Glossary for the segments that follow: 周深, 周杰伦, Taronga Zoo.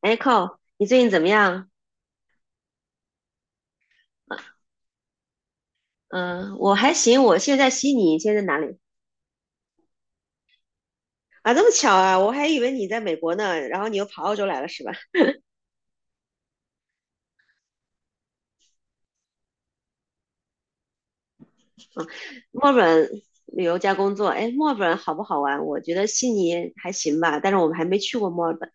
哎 c o 你最近怎么样？啊，嗯，我还行，我现在在悉尼，你现在在哪里？啊，这么巧啊，我还以为你在美国呢，然后你又跑澳洲来了是吧？墨尔本旅游加工作，哎，墨尔本好不好玩？我觉得悉尼还行吧，但是我们还没去过墨尔本。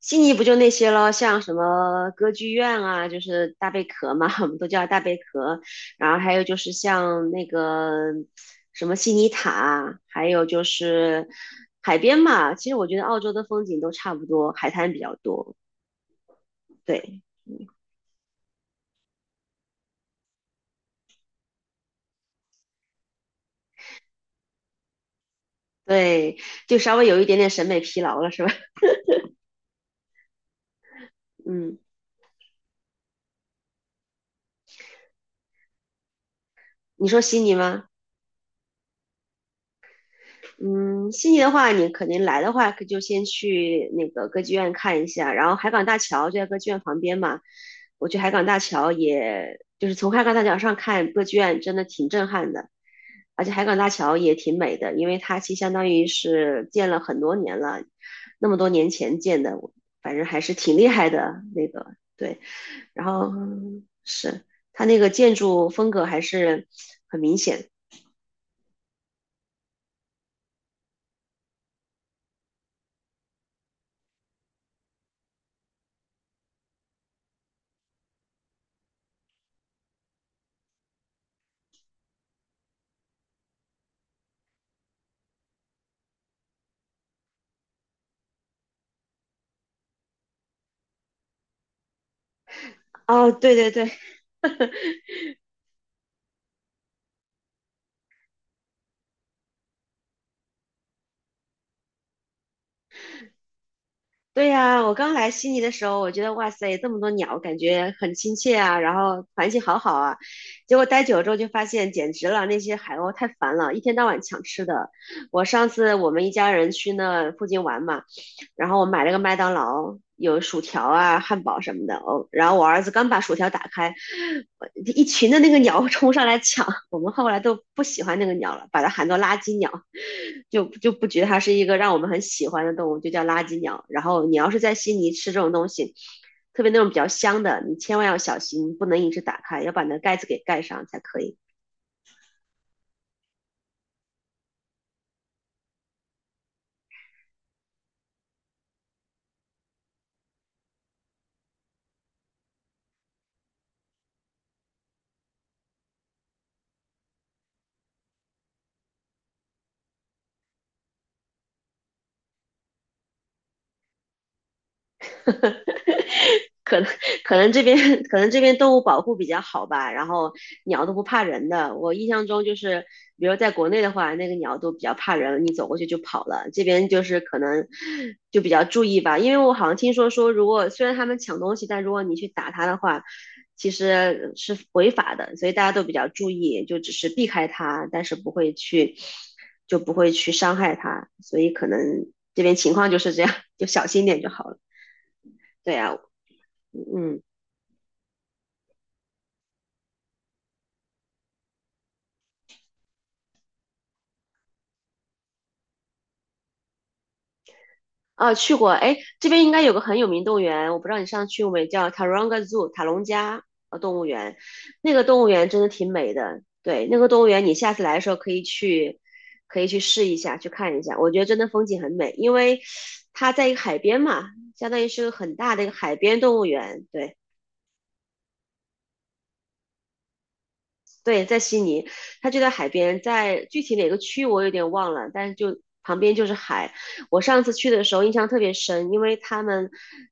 悉尼不就那些咯，像什么歌剧院啊，就是大贝壳嘛，我们都叫大贝壳。然后还有就是像那个什么悉尼塔，还有就是海边嘛。其实我觉得澳洲的风景都差不多，海滩比较多。对，嗯，对，就稍微有一点点审美疲劳了，是吧？嗯，你说悉尼吗？嗯，悉尼的话，你肯定来的话，可就先去那个歌剧院看一下，然后海港大桥就在歌剧院旁边嘛。我去海港大桥也，就是从海港大桥上看歌剧院，真的挺震撼的。而且海港大桥也挺美的，因为它其实相当于是建了很多年了，那么多年前建的，反正还是挺厉害的那个。对，然后是它那个建筑风格还是很明显。哦，对对对，对呀，我刚来悉尼的时候，我觉得哇塞，这么多鸟，感觉很亲切啊，然后环境好好啊。结果待久了之后就发现，简直了，那些海鸥太烦了，一天到晚抢吃的。我上次我们一家人去那附近玩嘛，然后我买了个麦当劳，有薯条啊、汉堡什么的。哦，然后我儿子刚把薯条打开，一群的那个鸟 冲上来抢，我们后来都不喜欢那个鸟了，把它喊作垃圾鸟，就不觉得它是一个让我们很喜欢的动物，就叫垃圾鸟。然后你要是在悉尼吃这种东西，特别那种比较香的，你千万要小心，不能一直打开，要把那盖子给盖上才可以。可能可能这边动物保护比较好吧，然后鸟都不怕人的。我印象中就是，比如在国内的话，那个鸟都比较怕人，你走过去就跑了。这边就是可能就比较注意吧，因为我好像听说说，如果虽然他们抢东西，但如果你去打它的话，其实是违法的，所以大家都比较注意，就只是避开它，但是不会去就不会去伤害它，所以可能这边情况就是这样，就小心点就好了。对呀，嗯，啊，去过，哎，这边应该有个很有名动物园，我不知道你上次去过没，叫 Taronga Zoo 塔隆加动物园，那个动物园真的挺美的，对，那个动物园你下次来的时候可以去，可以去试一下，去看一下，我觉得真的风景很美，因为它在一个海边嘛，相当于是个很大的一个海边动物园，对。对，在悉尼，它就在海边，在具体哪个区我有点忘了，但是就旁边就是海。我上次去的时候印象特别深，因为他们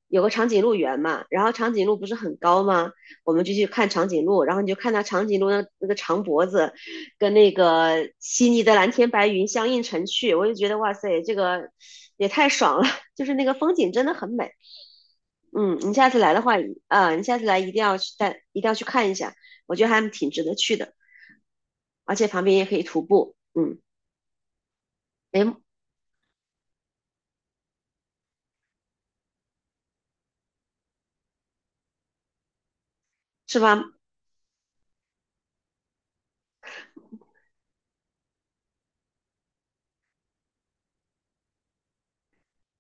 有个长颈鹿园嘛，然后长颈鹿不是很高吗？我们就去看长颈鹿，然后你就看到长颈鹿那个长脖子，跟那个悉尼的蓝天白云相映成趣，我就觉得哇塞，这个也太爽了，就是那个风景真的很美。嗯，你下次来的话，啊，你下次来一定要去带，一定要去看一下，我觉得还挺值得去的。而且旁边也可以徒步。嗯，诶，是吧？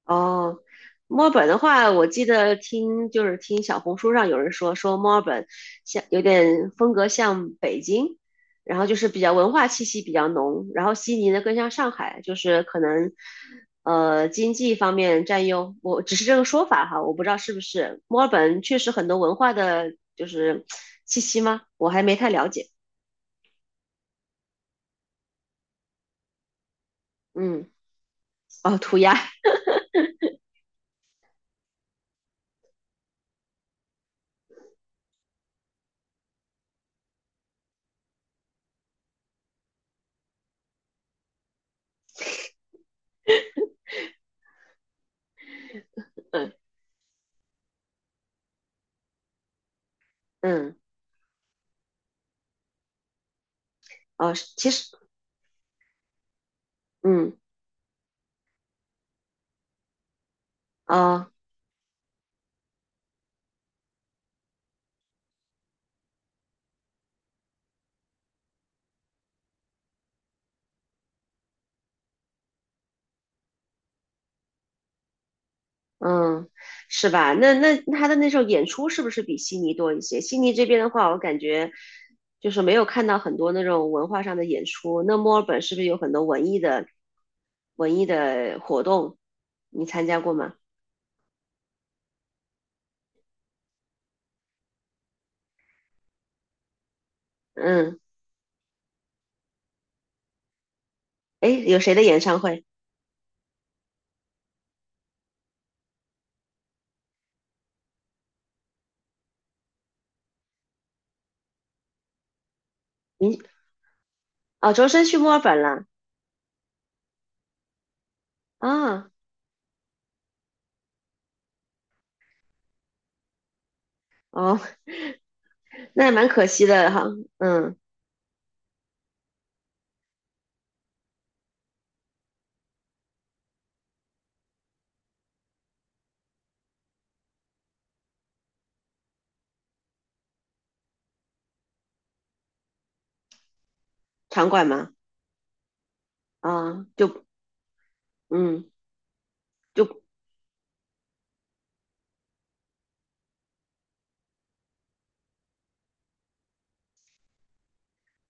哦，墨尔本的话，我记得听就是听小红书上有人说，说墨尔本像有点风格像北京，然后就是比较文化气息比较浓，然后悉尼呢更像上海，就是可能经济方面占优。我只是这个说法哈，我不知道是不是墨尔本确实很多文化的就是气息吗？我还没太了解。嗯，哦，涂鸦，嗯，嗯。哦，其实嗯，啊，嗯，是吧？那他的那时候演出是不是比悉尼多一些？悉尼这边的话，我感觉就是没有看到很多那种文化上的演出。那墨尔本是不是有很多文艺的活动？你参加过吗？嗯，诶，有谁的演唱会？你哦，周深去墨尔本了啊？哦，那也蛮可惜的哈。嗯，场馆嘛，啊，就，嗯。就。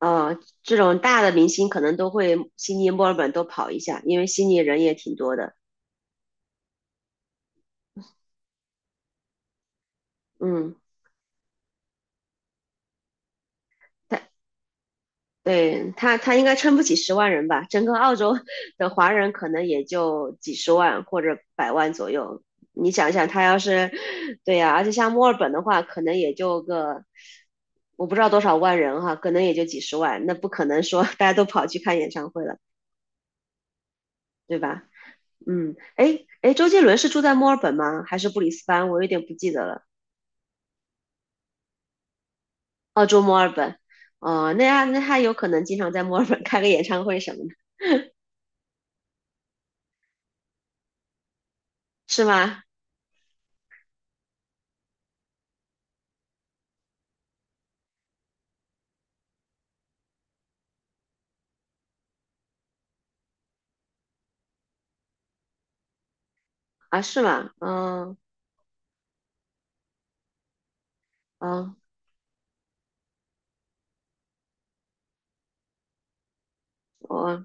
呃，这种大的明星可能都会悉尼、墨尔本都跑一下，因为悉尼人也挺多的。嗯，他对，他应该撑不起10万人吧？整个澳洲的华人可能也就几十万或者百万左右。你想想，他要是对呀、而且像墨尔本的话，可能也就个我不知道多少万人哈，可能也就几十万，那不可能说大家都跑去看演唱会了，对吧？嗯，哎哎，诶周杰伦是住在墨尔本吗？还是布里斯班？我有点不记得了。澳洲墨尔本，哦，那他有可能经常在墨尔本开个演唱会什么的，是吗？啊，是吗？嗯嗯，哦，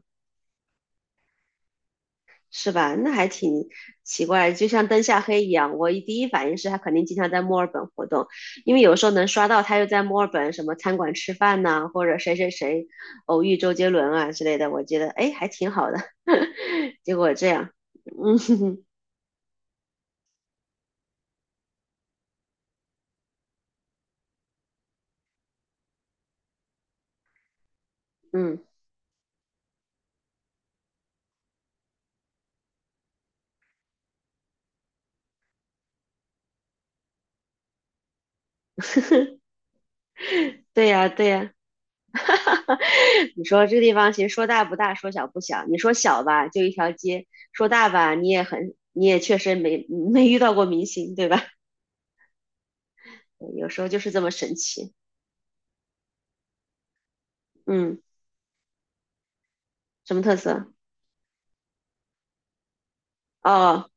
是吧？那还挺奇怪，就像灯下黑一样。我第一反应是他肯定经常在墨尔本活动，因为有时候能刷到他又在墨尔本什么餐馆吃饭呐、或者谁谁谁偶遇周杰伦啊之类的，我觉得哎还挺好的。结果这样，嗯，嗯，对呀对呀。你说这地方其实说大不大，说小不小。你说小吧，就一条街；说大吧，你也很，你也确实没遇到过明星，对吧？有时候就是这么神奇。嗯，什么特色？哦，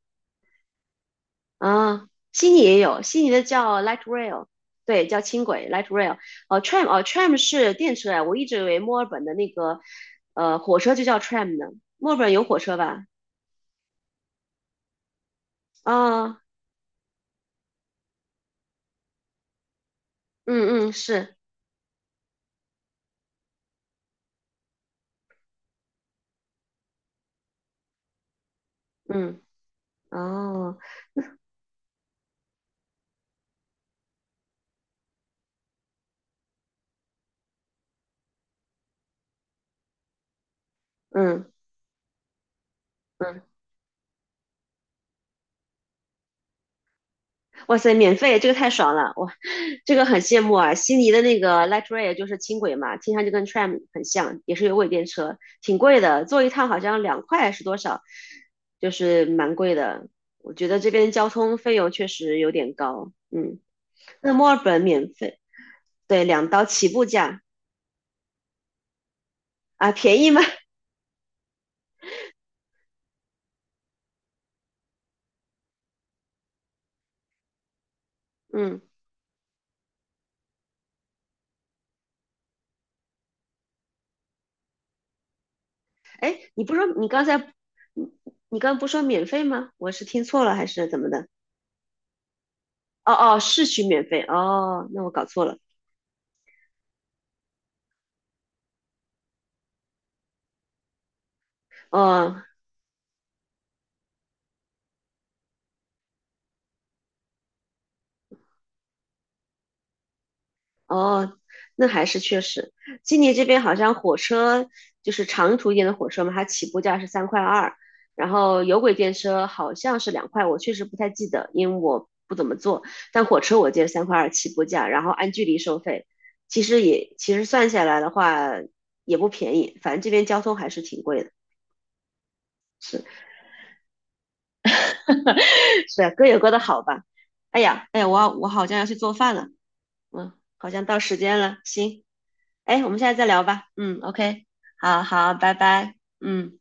啊，悉尼也有，悉尼的叫 light rail，对，叫轻轨 light rail。哦，tram，哦，tram 是电车呀，我一直以为墨尔本的那个火车就叫 tram 呢。墨尔本有火车吧？啊、嗯嗯是，嗯，哦，嗯。嗯，哇塞，免费，这个太爽了，哇，这个很羡慕啊。悉尼的那个 light rail 就是轻轨嘛，听上去跟 tram 很像，也是有轨电车，挺贵的，坐一趟好像两块是多少，就是蛮贵的。我觉得这边交通费用确实有点高，嗯。那墨尔本免费，对，2刀起步价啊，便宜吗？嗯，哎，你不说你刚才，你你刚刚不说免费吗？我是听错了还是怎么的？哦哦，市区免费哦，那我搞错了。哦，哦，那还是确实，悉尼这边好像火车就是长途一点的火车嘛，它起步价是三块二，然后有轨电车好像是两块，我确实不太记得，因为我不怎么坐。但火车我记得三块二起步价，然后按距离收费，其实也其实算下来的话也不便宜，反正这边交通还是挺贵的。是 是啊，各有各的好吧。哎呀，哎呀，我好像要去做饭了，嗯，好像到时间了，行，哎，我们现在再聊吧。嗯，OK，好好，拜拜。嗯。